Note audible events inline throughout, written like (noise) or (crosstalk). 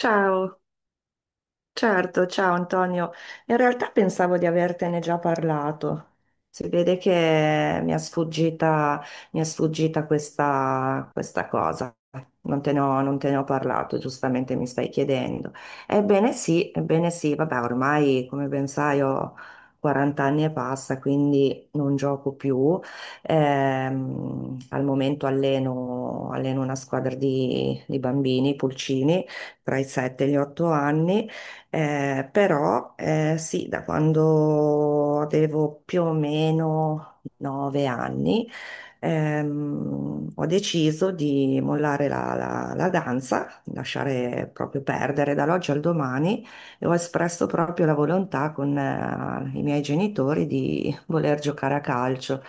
Ciao. Certo, ciao Antonio. In realtà pensavo di avertene già parlato. Si vede che mi è sfuggita questa cosa. Non te ne ho parlato, giustamente mi stai chiedendo. Ebbene sì, vabbè, ormai come ben sai ho 40 anni e passa, quindi non gioco più. Al momento alleno una squadra di bambini, pulcini, tra i 7 e gli 8 anni. Però sì, da quando avevo più o meno 9 anni ho deciso di mollare la danza, lasciare proprio perdere dall'oggi al domani e ho espresso proprio la volontà con i miei genitori di (laughs) voler giocare a calcio.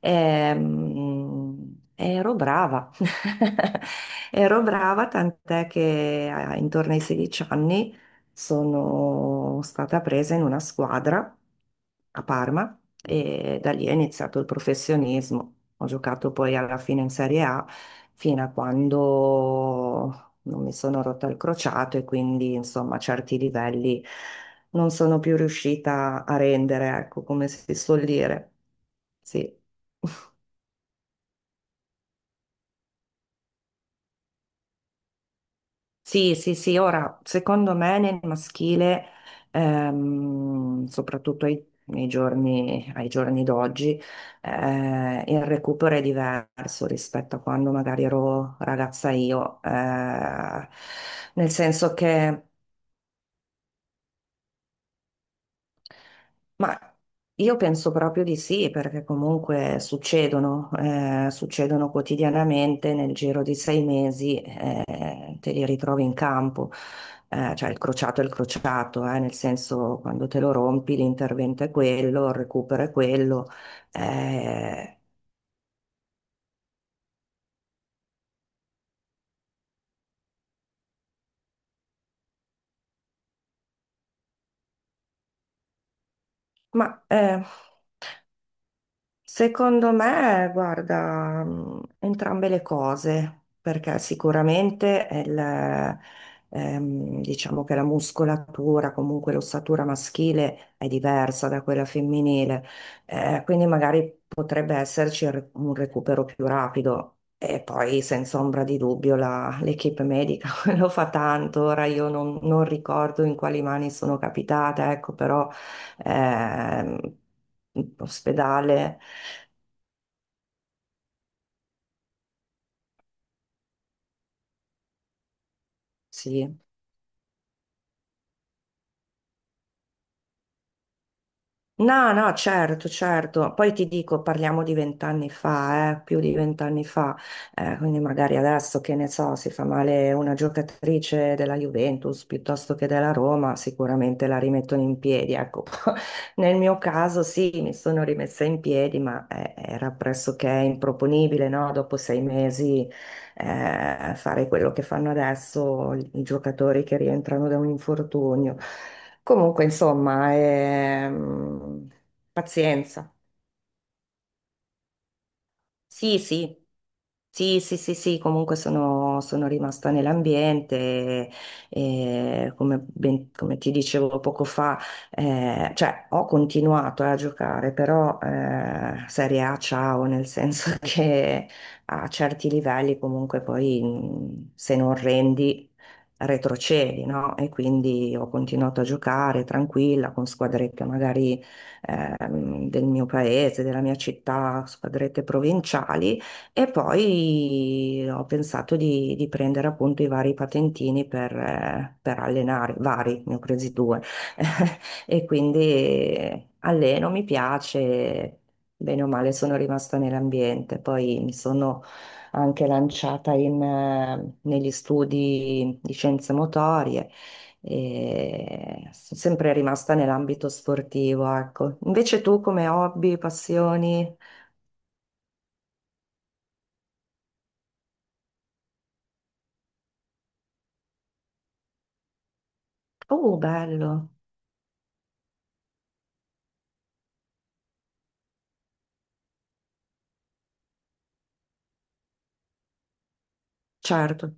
Ehm, Ero brava, (laughs) ero brava, tant'è che intorno ai 16 anni sono stata presa in una squadra a Parma e da lì è iniziato il professionismo. Ho giocato poi alla fine in Serie A fino a quando non mi sono rotta il crociato e quindi insomma certi livelli non sono più riuscita a rendere, ecco come si suol dire. Sì. (laughs) Sì, sì, sì, ora secondo me nel maschile, soprattutto ai giorni d'oggi, il recupero è diverso rispetto a quando magari ero ragazza io. Eh, nel senso che ma io penso proprio di sì, perché comunque succedono, succedono quotidianamente, nel giro di 6 mesi te li ritrovi in campo. Cioè il crociato è il crociato, nel senso quando te lo rompi l'intervento è quello, il recupero è quello. Eh, ma eh, Secondo me, guarda, entrambe le cose, perché sicuramente diciamo che la muscolatura, comunque l'ossatura maschile è diversa da quella femminile, quindi magari potrebbe esserci un recupero più rapido. E poi, senza ombra di dubbio, l'equipe medica (laughs) lo fa tanto. Ora io non ricordo in quali mani sono capitata, ecco, però eh, ospedale, sì. No, no, certo, certo. Poi ti dico, parliamo di 20 anni fa, più di 20 anni fa. Quindi magari adesso che ne so, si fa male una giocatrice della Juventus piuttosto che della Roma, sicuramente la rimettono in piedi. Ecco, (laughs) nel mio caso sì, mi sono rimessa in piedi, ma era pressoché improponibile, no? Dopo 6 mesi fare quello che fanno adesso i giocatori che rientrano da un infortunio. Comunque, insomma, pazienza. Sì, sì. Sì, sì, sì, sì, comunque sono, sono rimasta nell'ambiente e come ti dicevo poco fa, cioè ho continuato a giocare, però Serie A ciao, nel senso (laughs) che a certi livelli comunque poi se non rendi retrocedi, no? E quindi ho continuato a giocare tranquilla con squadrette magari del mio paese, della mia città, squadrette provinciali. E poi ho pensato di prendere appunto i vari patentini per allenare, vari, ne ho presi due. (laughs) E quindi alleno, mi piace, bene o male sono rimasta nell'ambiente. Poi mi sono anche lanciata in, negli studi di scienze motorie e sono sempre rimasta nell'ambito sportivo, ecco. Invece tu come hobby, passioni? Oh, bello, certo.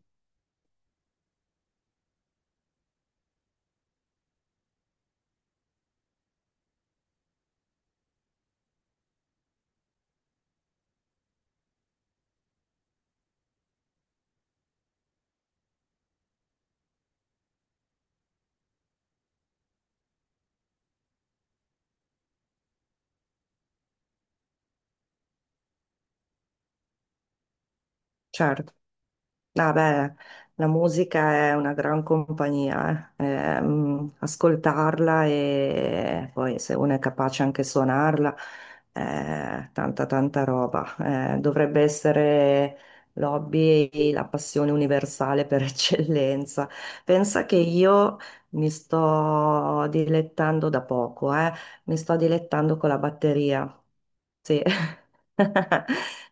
Certo, vabbè, la musica è una gran compagnia, eh. Ascoltarla e poi se uno è capace anche suonarla, tanta tanta roba. Dovrebbe essere l'hobby e la passione universale per (laughs) eccellenza. Pensa che io mi sto dilettando da poco, eh. Mi sto dilettando con la batteria. Sì. (laughs)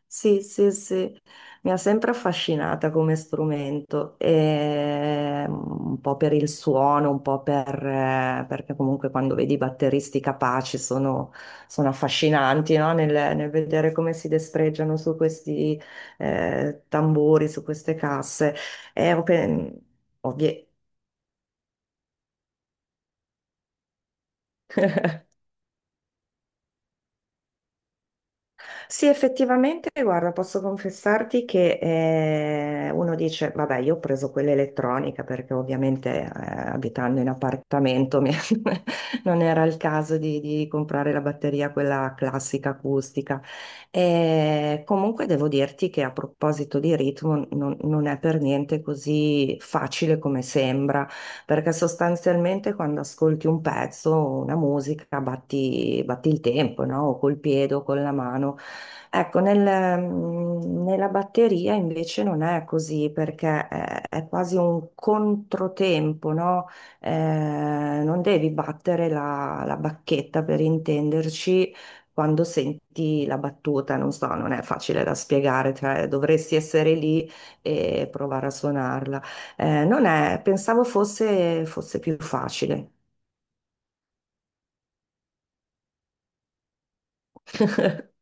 Sì, sì, sì, mi ha sempre affascinata come strumento, e, mm, un po' per il suono, un po' per, perché comunque quando vedi i batteristi capaci sono affascinanti, no? Nel vedere come si destreggiano su questi tamburi, su queste casse. E, ov- ovvie- Sì, effettivamente, guarda, posso confessarti che uno dice, vabbè, io ho preso quella elettronica perché ovviamente abitando in appartamento mi- (laughs) non era il caso di comprare la batteria, quella classica acustica. E comunque devo dirti che a proposito di ritmo non è per niente così facile come sembra perché sostanzialmente quando ascolti un pezzo, una musica, batti, batti il tempo, no? O col piede o con la mano. Ecco, nella batteria invece non è così perché è quasi un controtempo, no? Eh, non devi battere la bacchetta per intenderci quando senti la battuta, non so, non è facile da spiegare, cioè dovresti essere lì e provare a suonarla. Non è, fosse più facile. (laughs)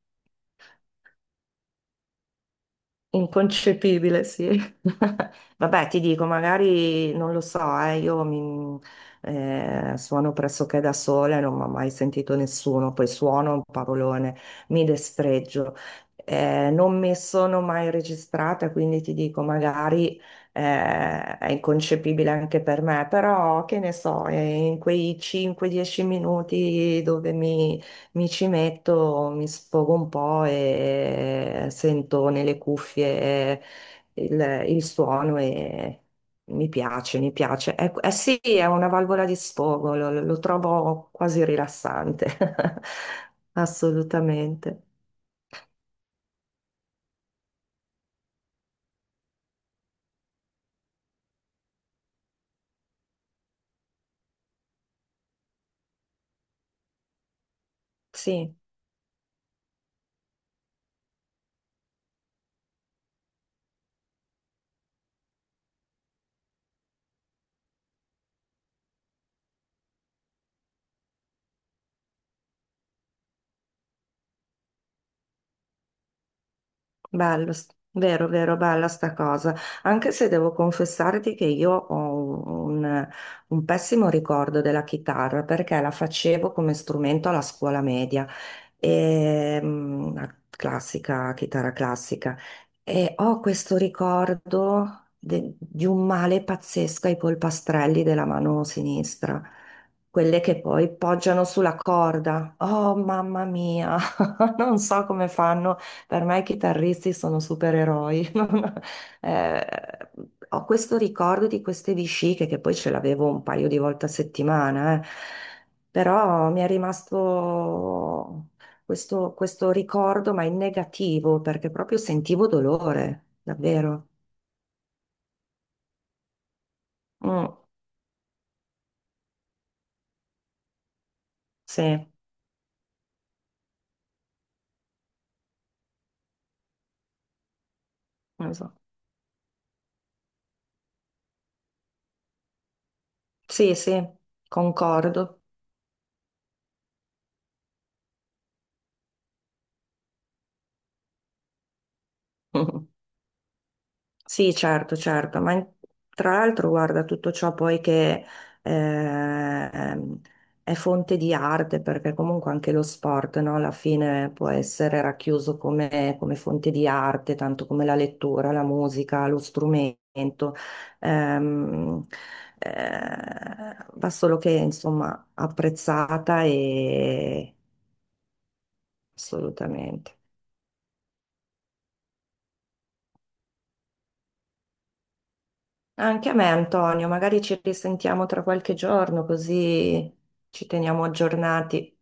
Inconcepibile, sì. (laughs) Vabbè, ti dico, magari non lo so, suono pressoché da sola, non mi ha mai sentito nessuno, poi suono un parolone, mi destreggio. Non mi sono mai registrata, quindi ti dico, magari è inconcepibile anche per me, però che ne so, in quei 5-10 minuti dove mi ci metto, mi sfogo un po' e sento nelle cuffie il suono e mi piace, mi piace. È- eh sì, è una valvola di sfogo, lo trovo quasi rilassante, (laughs) assolutamente. Sì. Bello, vero, vero, bella sta cosa. Anche se devo confessarti che io ho un pessimo ricordo della chitarra perché la facevo come strumento alla scuola media, e, mm, la classica, chitarra classica. E ho questo ricordo di un male pazzesco ai polpastrelli della mano sinistra, quelle che poi poggiano sulla corda. Oh, mamma mia, (laughs) non so come fanno, per me i chitarristi sono supereroi. (laughs) Eh, Ho questo ricordo di queste vesciche che poi ce l'avevo un paio di volte a settimana, eh. Però mi è rimasto questo ricordo, ma in negativo, perché proprio sentivo dolore, davvero. Mm, sì, non so. Sì, sì, concordo. (laughs) Sì, certo, certo, tra l'altro guarda tutto ciò poi che ehm, è fonte di arte, perché comunque anche lo sport, no, alla fine può essere racchiuso come, come fonte di arte, tanto come la lettura, la musica, lo strumento. Ehm, Va solo che insomma apprezzata e assolutamente. Anche a me, Antonio, magari ci risentiamo tra qualche giorno, così ci teniamo aggiornati.